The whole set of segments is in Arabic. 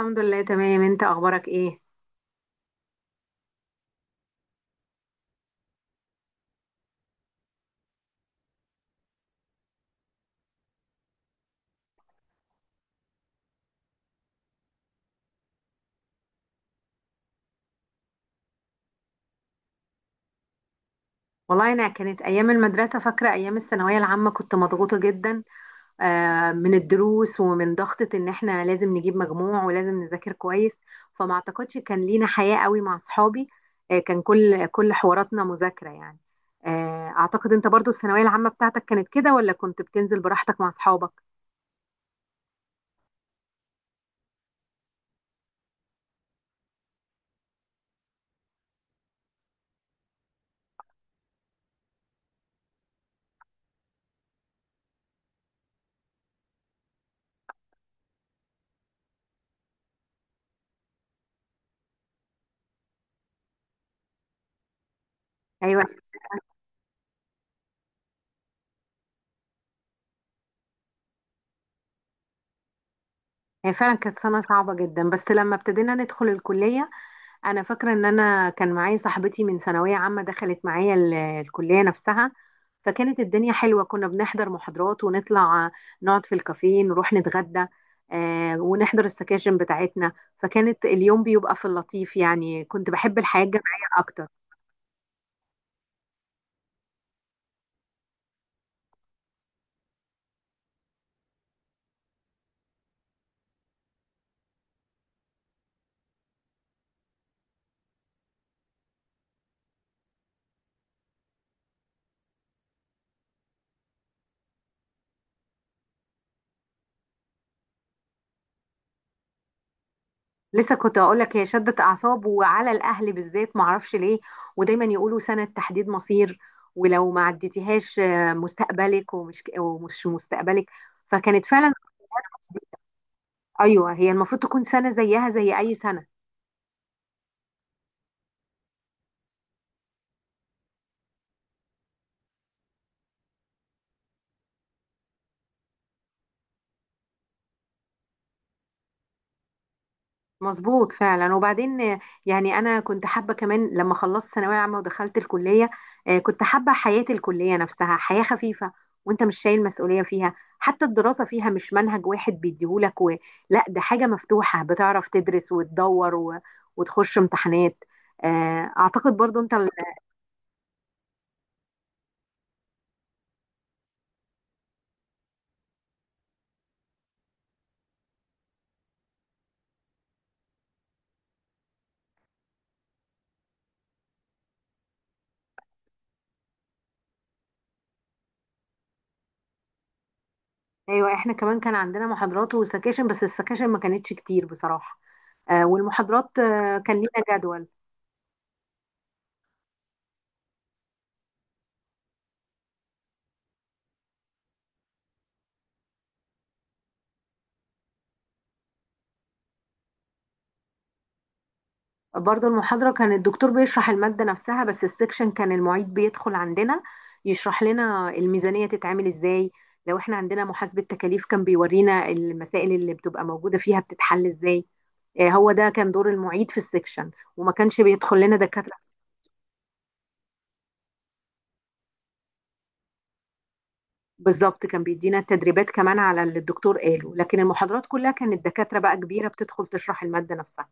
الحمد لله، تمام. انت اخبارك ايه؟ والله انا كانت ايام المدرسه، فاكره ايام الثانويه العامه كنت مضغوطه جدا. من الدروس ومن ضغطه ان احنا لازم نجيب مجموع ولازم نذاكر كويس. فما اعتقدش كان لينا حياه قوي مع اصحابي. كان كل حواراتنا مذاكره يعني. اعتقد انت برضو الثانويه العامه بتاعتك كانت كده، ولا كنت بتنزل براحتك مع اصحابك؟ ايوه، هي فعلا كانت سنه صعبه جدا، بس لما ابتدينا ندخل الكليه. انا فاكره ان انا كان معايا صاحبتي من ثانويه عامه، دخلت معايا الكليه نفسها. فكانت الدنيا حلوه، كنا بنحضر محاضرات ونطلع، نقعد في الكافيه، نروح نتغدى، ونحضر السكاشن بتاعتنا. فكانت اليوم بيبقى في اللطيف يعني، كنت بحب الحياه الجامعيه اكتر. لسه كنت اقول لك، هي شدت اعصاب وعلى الاهل بالذات، معرفش ليه. ودايما يقولوا سنه تحديد مصير، ولو ما عديتيهاش مستقبلك ومش مستقبلك. فكانت فعلا. ايوه، هي المفروض تكون سنه زيها زي اي سنه. مظبوط فعلا. وبعدين يعني انا كنت حابه كمان لما خلصت ثانويه عامه ودخلت الكليه. كنت حابه حياه الكليه نفسها حياه خفيفه، وانت مش شايل مسؤوليه فيها، حتى الدراسه فيها مش منهج واحد بيديهولك و... لا، ده حاجه مفتوحه، بتعرف تدرس وتدور و... وتخش امتحانات. اعتقد برضو انت ايوه، احنا كمان كان عندنا محاضرات وسكاشن، بس السكاشن ما كانتش كتير بصراحه. والمحاضرات كان لينا جدول. برضو المحاضرة كان الدكتور بيشرح المادة نفسها، بس السكشن كان المعيد بيدخل عندنا يشرح لنا الميزانية تتعمل ازاي. لو احنا عندنا محاسبة تكاليف، كان بيورينا المسائل اللي بتبقى موجودة فيها بتتحل ازاي. هو ده كان دور المعيد في السكشن، وما كانش بيدخل لنا دكاترة. بالظبط، كان بيدينا التدريبات كمان على اللي الدكتور قاله، لكن المحاضرات كلها كانت دكاترة بقى كبيرة بتدخل تشرح المادة نفسها.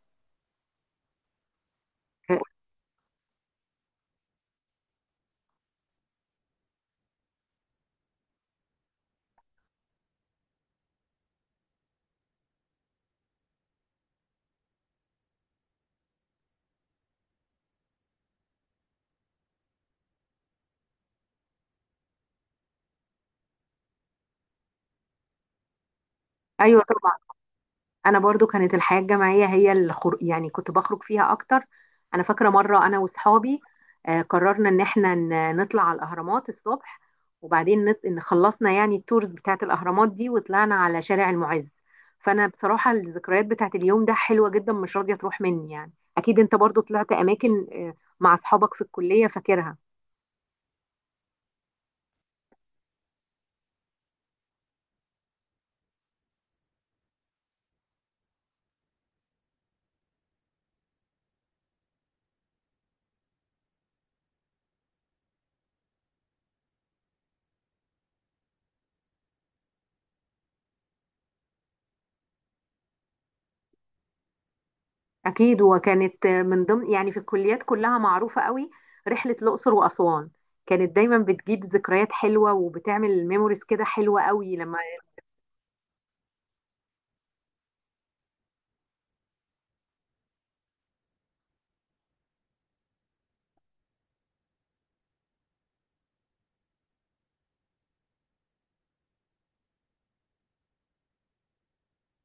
آه، ايوه طبعا. انا برضو كانت الحياه الجامعيه هي اللي يعني كنت بخرج فيها اكتر. انا فاكره مره انا واصحابي قررنا ان احنا نطلع على الاهرامات الصبح، وبعدين ان خلصنا يعني التورز بتاعت الاهرامات دي وطلعنا على شارع المعز. فانا بصراحه الذكريات بتاعت اليوم ده حلوه جدا، مش راضيه تروح مني يعني. اكيد انت برضو طلعت اماكن مع اصحابك في الكليه، فاكرها؟ أكيد. وكانت من ضمن يعني في الكليات كلها معروفة قوي رحلة الأقصر وأسوان، كانت دايما بتجيب ذكريات حلوة، وبتعمل ميموريز كده حلوة قوي لما...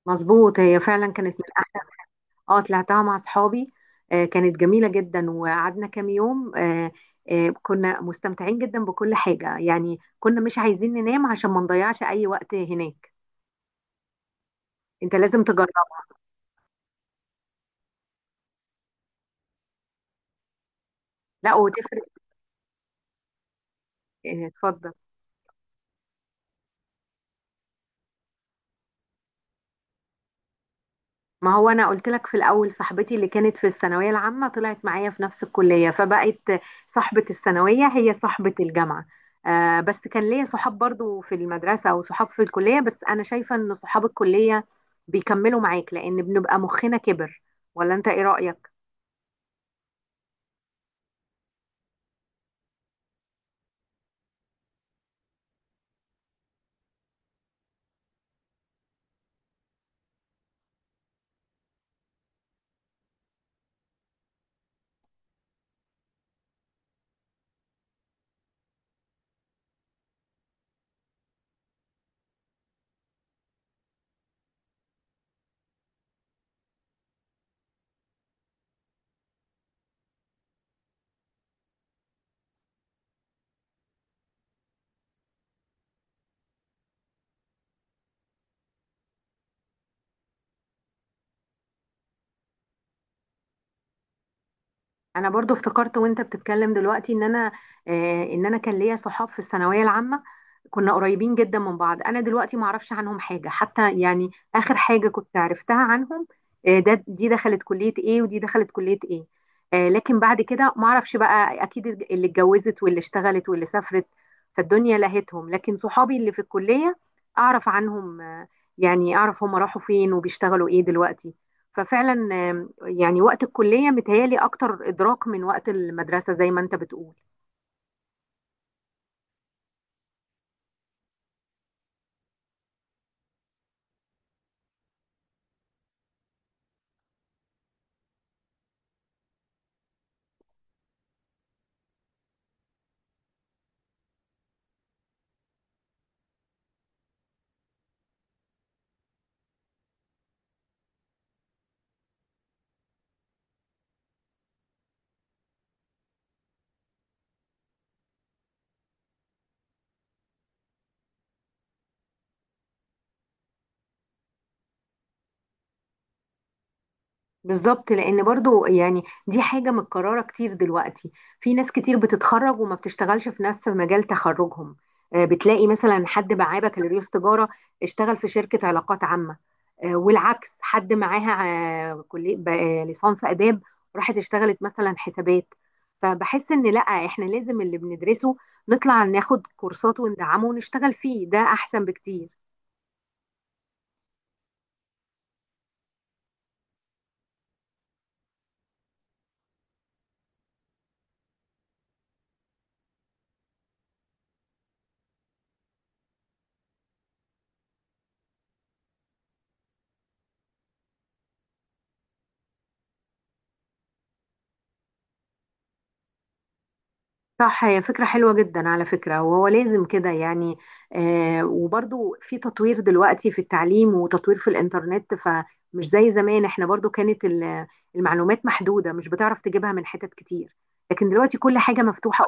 مظبوط، هي فعلا كانت من أحلى. اه، طلعتها مع أصحابي. كانت جميلة جدا، وقعدنا كام يوم. كنا مستمتعين جدا بكل حاجة، يعني كنا مش عايزين ننام عشان ما نضيعش أي وقت هناك. أنت لازم تجربها. لا، وتفرق. اتفضل. ما هو انا قلت لك في الاول، صاحبتي اللي كانت في الثانويه العامه طلعت معايا في نفس الكليه، فبقت صاحبه الثانويه هي صاحبه الجامعه. آه، بس كان ليا صحاب برضو في المدرسه وصحاب في الكليه، بس انا شايفه ان صحاب الكليه بيكملوا معاك لان بنبقى مخنا كبر، ولا انت ايه رايك؟ انا برضو افتكرت وانت بتتكلم دلوقتي ان انا، كان ليا صحاب في الثانويه العامه، كنا قريبين جدا من بعض. انا دلوقتي ما اعرفش عنهم حاجه حتى، يعني اخر حاجه كنت عرفتها عنهم آه ده دي دخلت كليه ايه ودي دخلت كليه ايه. لكن بعد كده ما اعرفش بقى، اكيد اللي اتجوزت واللي اشتغلت واللي سافرت، فالدنيا لهتهم. لكن صحابي اللي في الكليه اعرف عنهم، يعني اعرف هم راحوا فين وبيشتغلوا ايه دلوقتي. ففعلا، يعني وقت الكلية متهيألي أكتر إدراك من وقت المدرسة زي ما أنت بتقول. بالظبط، لأن برضو يعني دي حاجة متكررة كتير دلوقتي، في ناس كتير بتتخرج وما بتشتغلش في نفس مجال تخرجهم. بتلاقي مثلا حد معاه بكالوريوس تجارة اشتغل في شركة علاقات عامة. والعكس حد معاها كلية ليسانس آداب، راحت اشتغلت مثلا حسابات. فبحس إن لأ، إحنا لازم اللي بندرسه نطلع ناخد كورسات وندعمه ونشتغل فيه، ده أحسن بكتير. صح، هي فكرة حلوة جدا على فكرة، وهو لازم كده يعني. وبرضو في تطوير دلوقتي في التعليم وتطوير في الإنترنت، فمش زي زمان احنا برضو كانت المعلومات محدودة، مش بتعرف تجيبها من حتت كتير، لكن دلوقتي كل حاجة مفتوحة.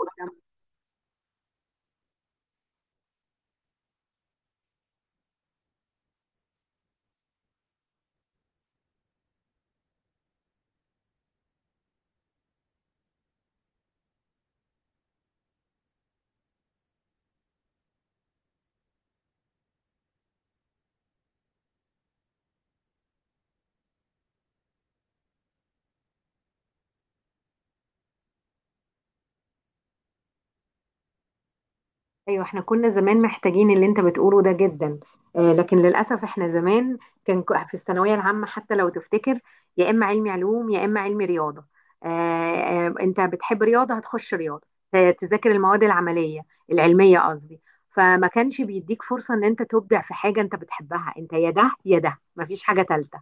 ايوه، احنا كنا زمان محتاجين اللي انت بتقوله ده جدا. لكن للاسف احنا زمان كان في الثانويه العامه، حتى لو تفتكر، يا اما علمي علوم يا اما علمي رياضه. انت بتحب رياضه هتخش رياضه تذاكر المواد العمليه، العلميه قصدي. فما كانش بيديك فرصه ان انت تبدع في حاجه انت بتحبها، انت يا ده يا ده، مفيش حاجه تالته.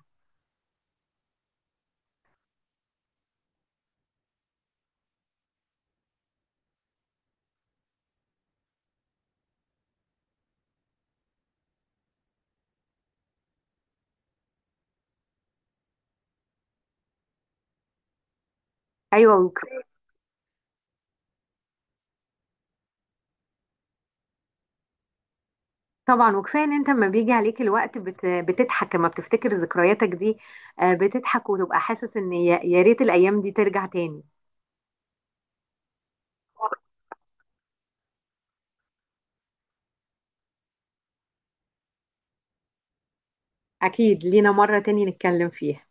ايوه طبعا. وكفايه ان انت لما بيجي عليك الوقت بتضحك لما بتفتكر ذكرياتك دي. بتضحك وتبقى حاسس ان يا ريت الايام دي ترجع تاني. اكيد لينا مره تاني نتكلم فيها.